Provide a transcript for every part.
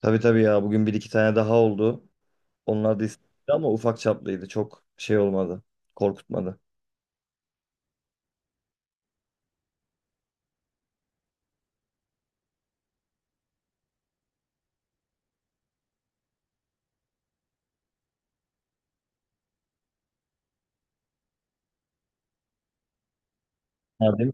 Tabii tabii ya, bugün bir iki tane daha oldu. Onlar da İstanbul'da ama ufak çaplıydı. Çok şey olmadı. Korkutmadı. Nerede?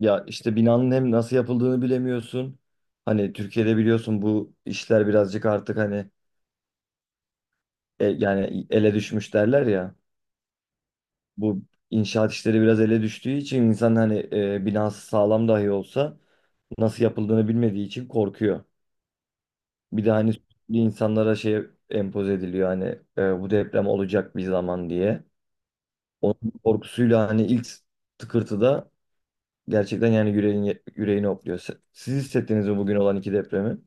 Ya işte binanın hem nasıl yapıldığını bilemiyorsun. Hani Türkiye'de biliyorsun bu işler birazcık artık hani yani ele düşmüş derler ya. Bu inşaat işleri biraz ele düştüğü için insan hani binası sağlam dahi olsa nasıl yapıldığını bilmediği için korkuyor. Bir de hani sürekli insanlara şey empoze ediliyor, hani bu deprem olacak bir zaman diye. Onun korkusuyla hani ilk tıkırtıda gerçekten yani yüreğini hopluyor. Siz hissettiniz mi bugün olan iki depremi?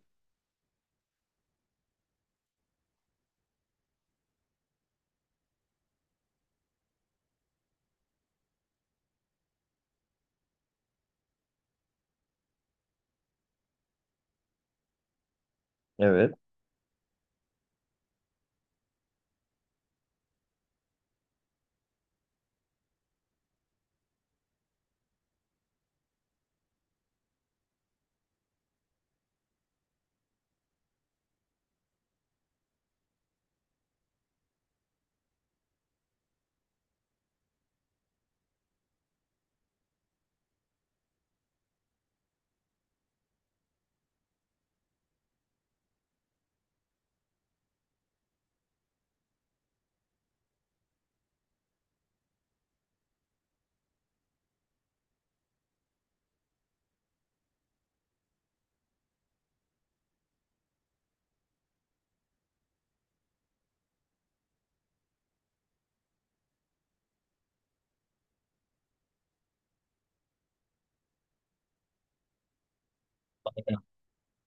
Evet.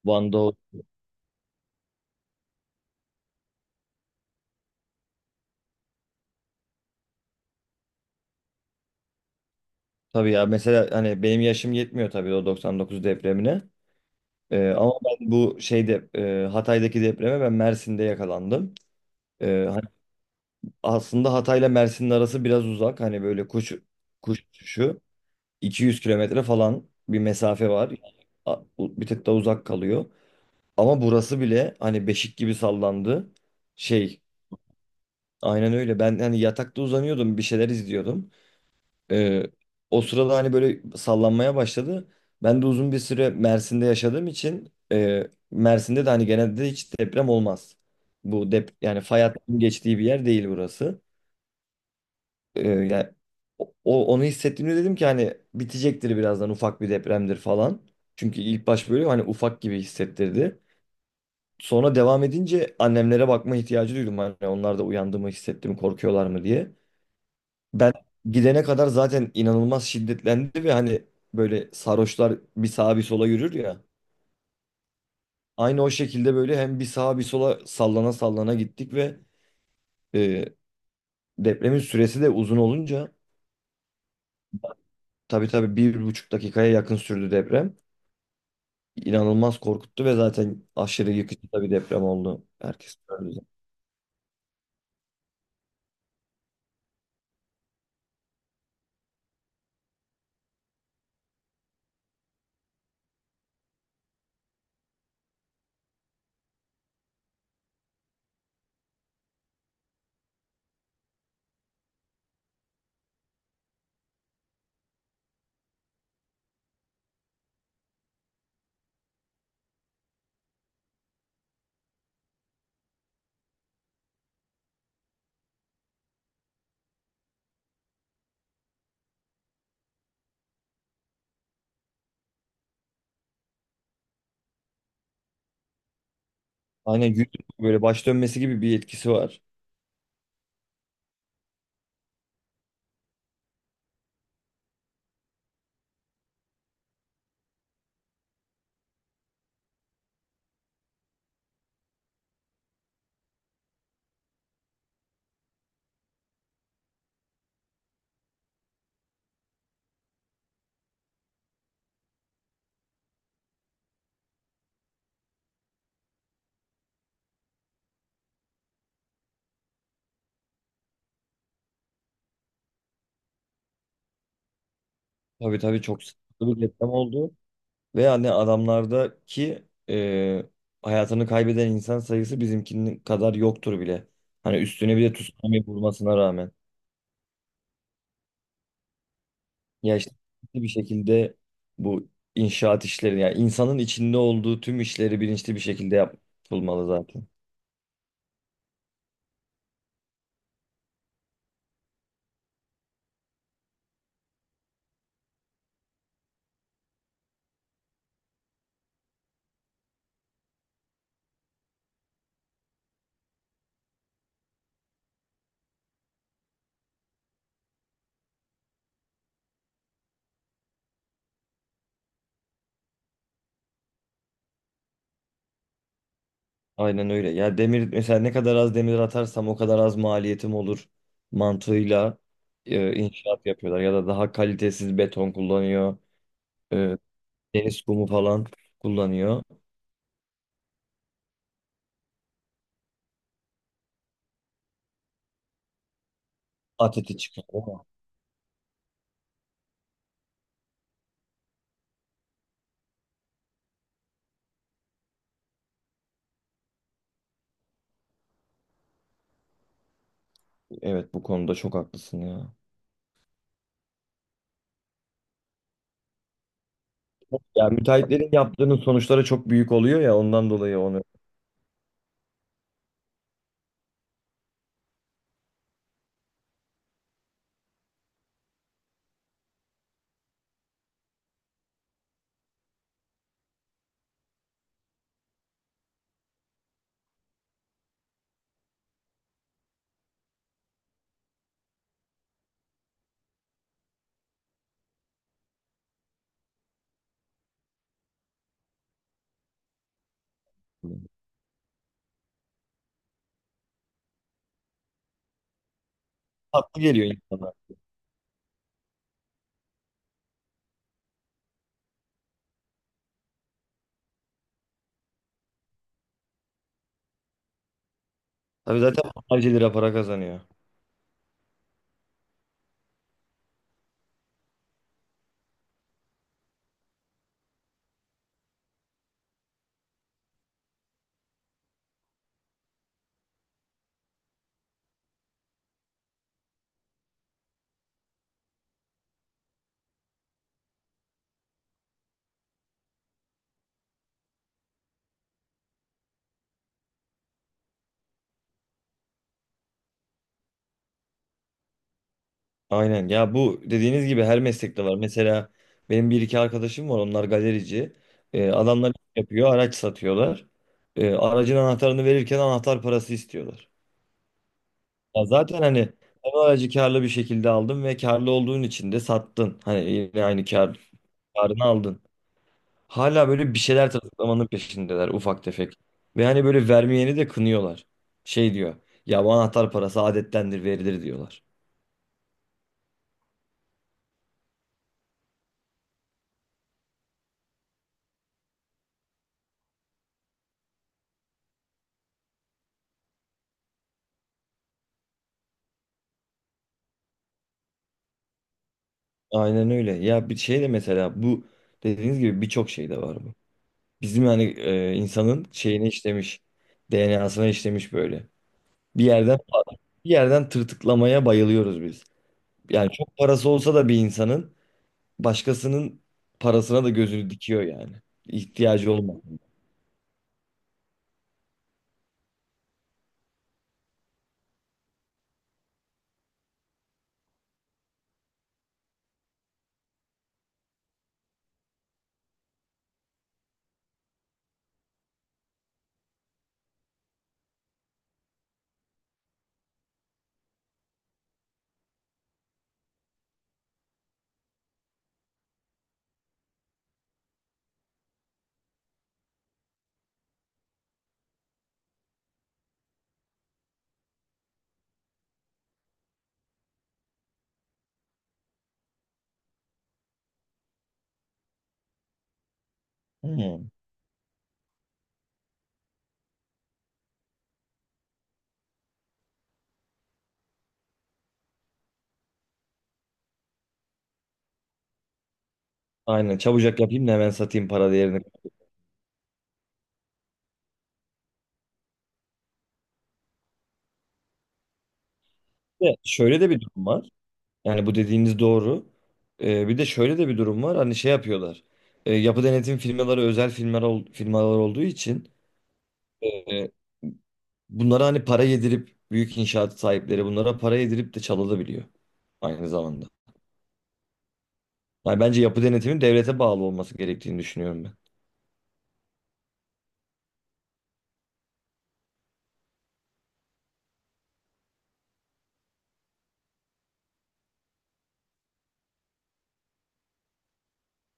Van'da o- tabii ya, mesela hani benim yaşım yetmiyor tabii o 99 depremine. Ama ben bu şeyde Hatay'daki depreme ben Mersin'de yakalandım. Hani aslında Hatay'la Mersin'in arası biraz uzak. Hani böyle kuş uçuşu 200 kilometre falan bir mesafe var. Yani bir tık da uzak kalıyor. Ama burası bile hani beşik gibi sallandı. Şey, aynen öyle. Ben hani yatakta uzanıyordum, bir şeyler izliyordum. Ee, O sırada hani böyle sallanmaya başladı. Ben de uzun bir süre Mersin'de yaşadığım için Mersin'de de hani genelde hiç deprem olmaz. Bu dep Yani fay hattının geçtiği bir yer değil burası. Yani onu hissettiğimde dedim ki hani bitecektir birazdan, ufak bir depremdir falan. Çünkü ilk baş böyle hani ufak gibi hissettirdi. Sonra devam edince annemlere bakma ihtiyacı duydum. Hani onlar da uyandı mı, hissetti mi, korkuyorlar mı diye. Ben gidene kadar zaten inanılmaz şiddetlendi ve hani böyle sarhoşlar bir sağa bir sola yürür ya. Aynı o şekilde böyle hem bir sağa bir sola sallana sallana gittik ve e, depremin süresi de uzun olunca tabii tabii bir buçuk dakikaya yakın sürdü deprem. İnanılmaz korkuttu ve zaten aşırı yıkıcı da bir deprem oldu. Herkes öldü. Aynen, yüz böyle baş dönmesi gibi bir etkisi var. Tabii tabii, çok sıkıntılı bir deprem oldu. Ve hani adamlardaki e, hayatını kaybeden insan sayısı bizimkinin kadar yoktur bile. Hani üstüne bir de tsunami vurmasına rağmen. Ya işte bir şekilde bu inşaat işleri, yani insanın içinde olduğu tüm işleri bilinçli bir şekilde yapılmalı zaten. Aynen öyle. Ya demir mesela, ne kadar az demir atarsam o kadar az maliyetim olur mantığıyla inşaat yapıyorlar ya da daha kalitesiz beton kullanıyor. Deniz kumu falan kullanıyor. Ateti çıkıyor, ama evet, bu konuda çok haklısın ya. Ya müteahhitlerin yaptığının sonuçları çok büyük oluyor ya, ondan dolayı onu haklı geliyor insana. Tabii zaten onlarca lira para kazanıyor. Aynen ya, bu dediğiniz gibi her meslekte var. Mesela benim bir iki arkadaşım var, onlar galerici. Adamlar iş yapıyor, araç satıyorlar. Aracın anahtarını verirken anahtar parası istiyorlar. Ya zaten hani hem aracı karlı bir şekilde aldın ve karlı olduğun için de sattın. Hani yine aynı karını aldın. Hala böyle bir şeyler tırtıklamanın peşindeler, ufak tefek. Ve hani böyle vermeyeni de kınıyorlar. Şey diyor. Ya bu anahtar parası adettendir, verilir diyorlar. Aynen öyle. Ya bir şey de mesela, bu dediğiniz gibi birçok şey de var bu. Bizim yani insanın şeyine işlemiş. DNA'sına işlemiş böyle. Bir yerden Bir yerden tırtıklamaya bayılıyoruz biz. Yani çok parası olsa da bir insanın başkasının parasına da gözünü dikiyor yani. İhtiyacı olmaz. Hmm. Aynen, çabucak yapayım da hemen satayım para değerini. Ve şöyle de bir durum var. Yani bu dediğiniz doğru. Bir de şöyle de bir durum var. Hani şey yapıyorlar. Yapı denetim firmaları özel firmalar, firmalar olduğu için e, bunlara hani para yedirip, büyük inşaat sahipleri bunlara para yedirip de çalabiliyor aynı zamanda. Yani bence yapı denetimin devlete bağlı olması gerektiğini düşünüyorum ben.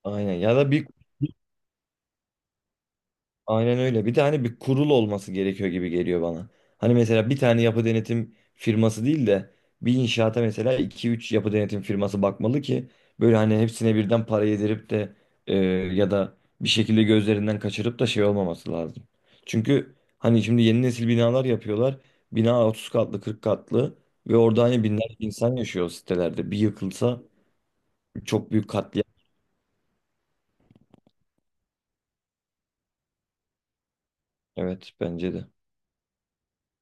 Aynen ya da bir aynen öyle. Bir de hani bir kurul olması gerekiyor gibi geliyor bana. Hani mesela bir tane yapı denetim firması değil de bir inşaata mesela iki üç yapı denetim firması bakmalı ki böyle hani hepsine birden para yedirip de e, ya da bir şekilde gözlerinden kaçırıp da şey olmaması lazım. Çünkü hani şimdi yeni nesil binalar yapıyorlar. Bina 30 katlı, 40 katlı ve orada hani binlerce insan yaşıyor o sitelerde. Bir yıkılsa çok büyük katliam. Evet, bence de.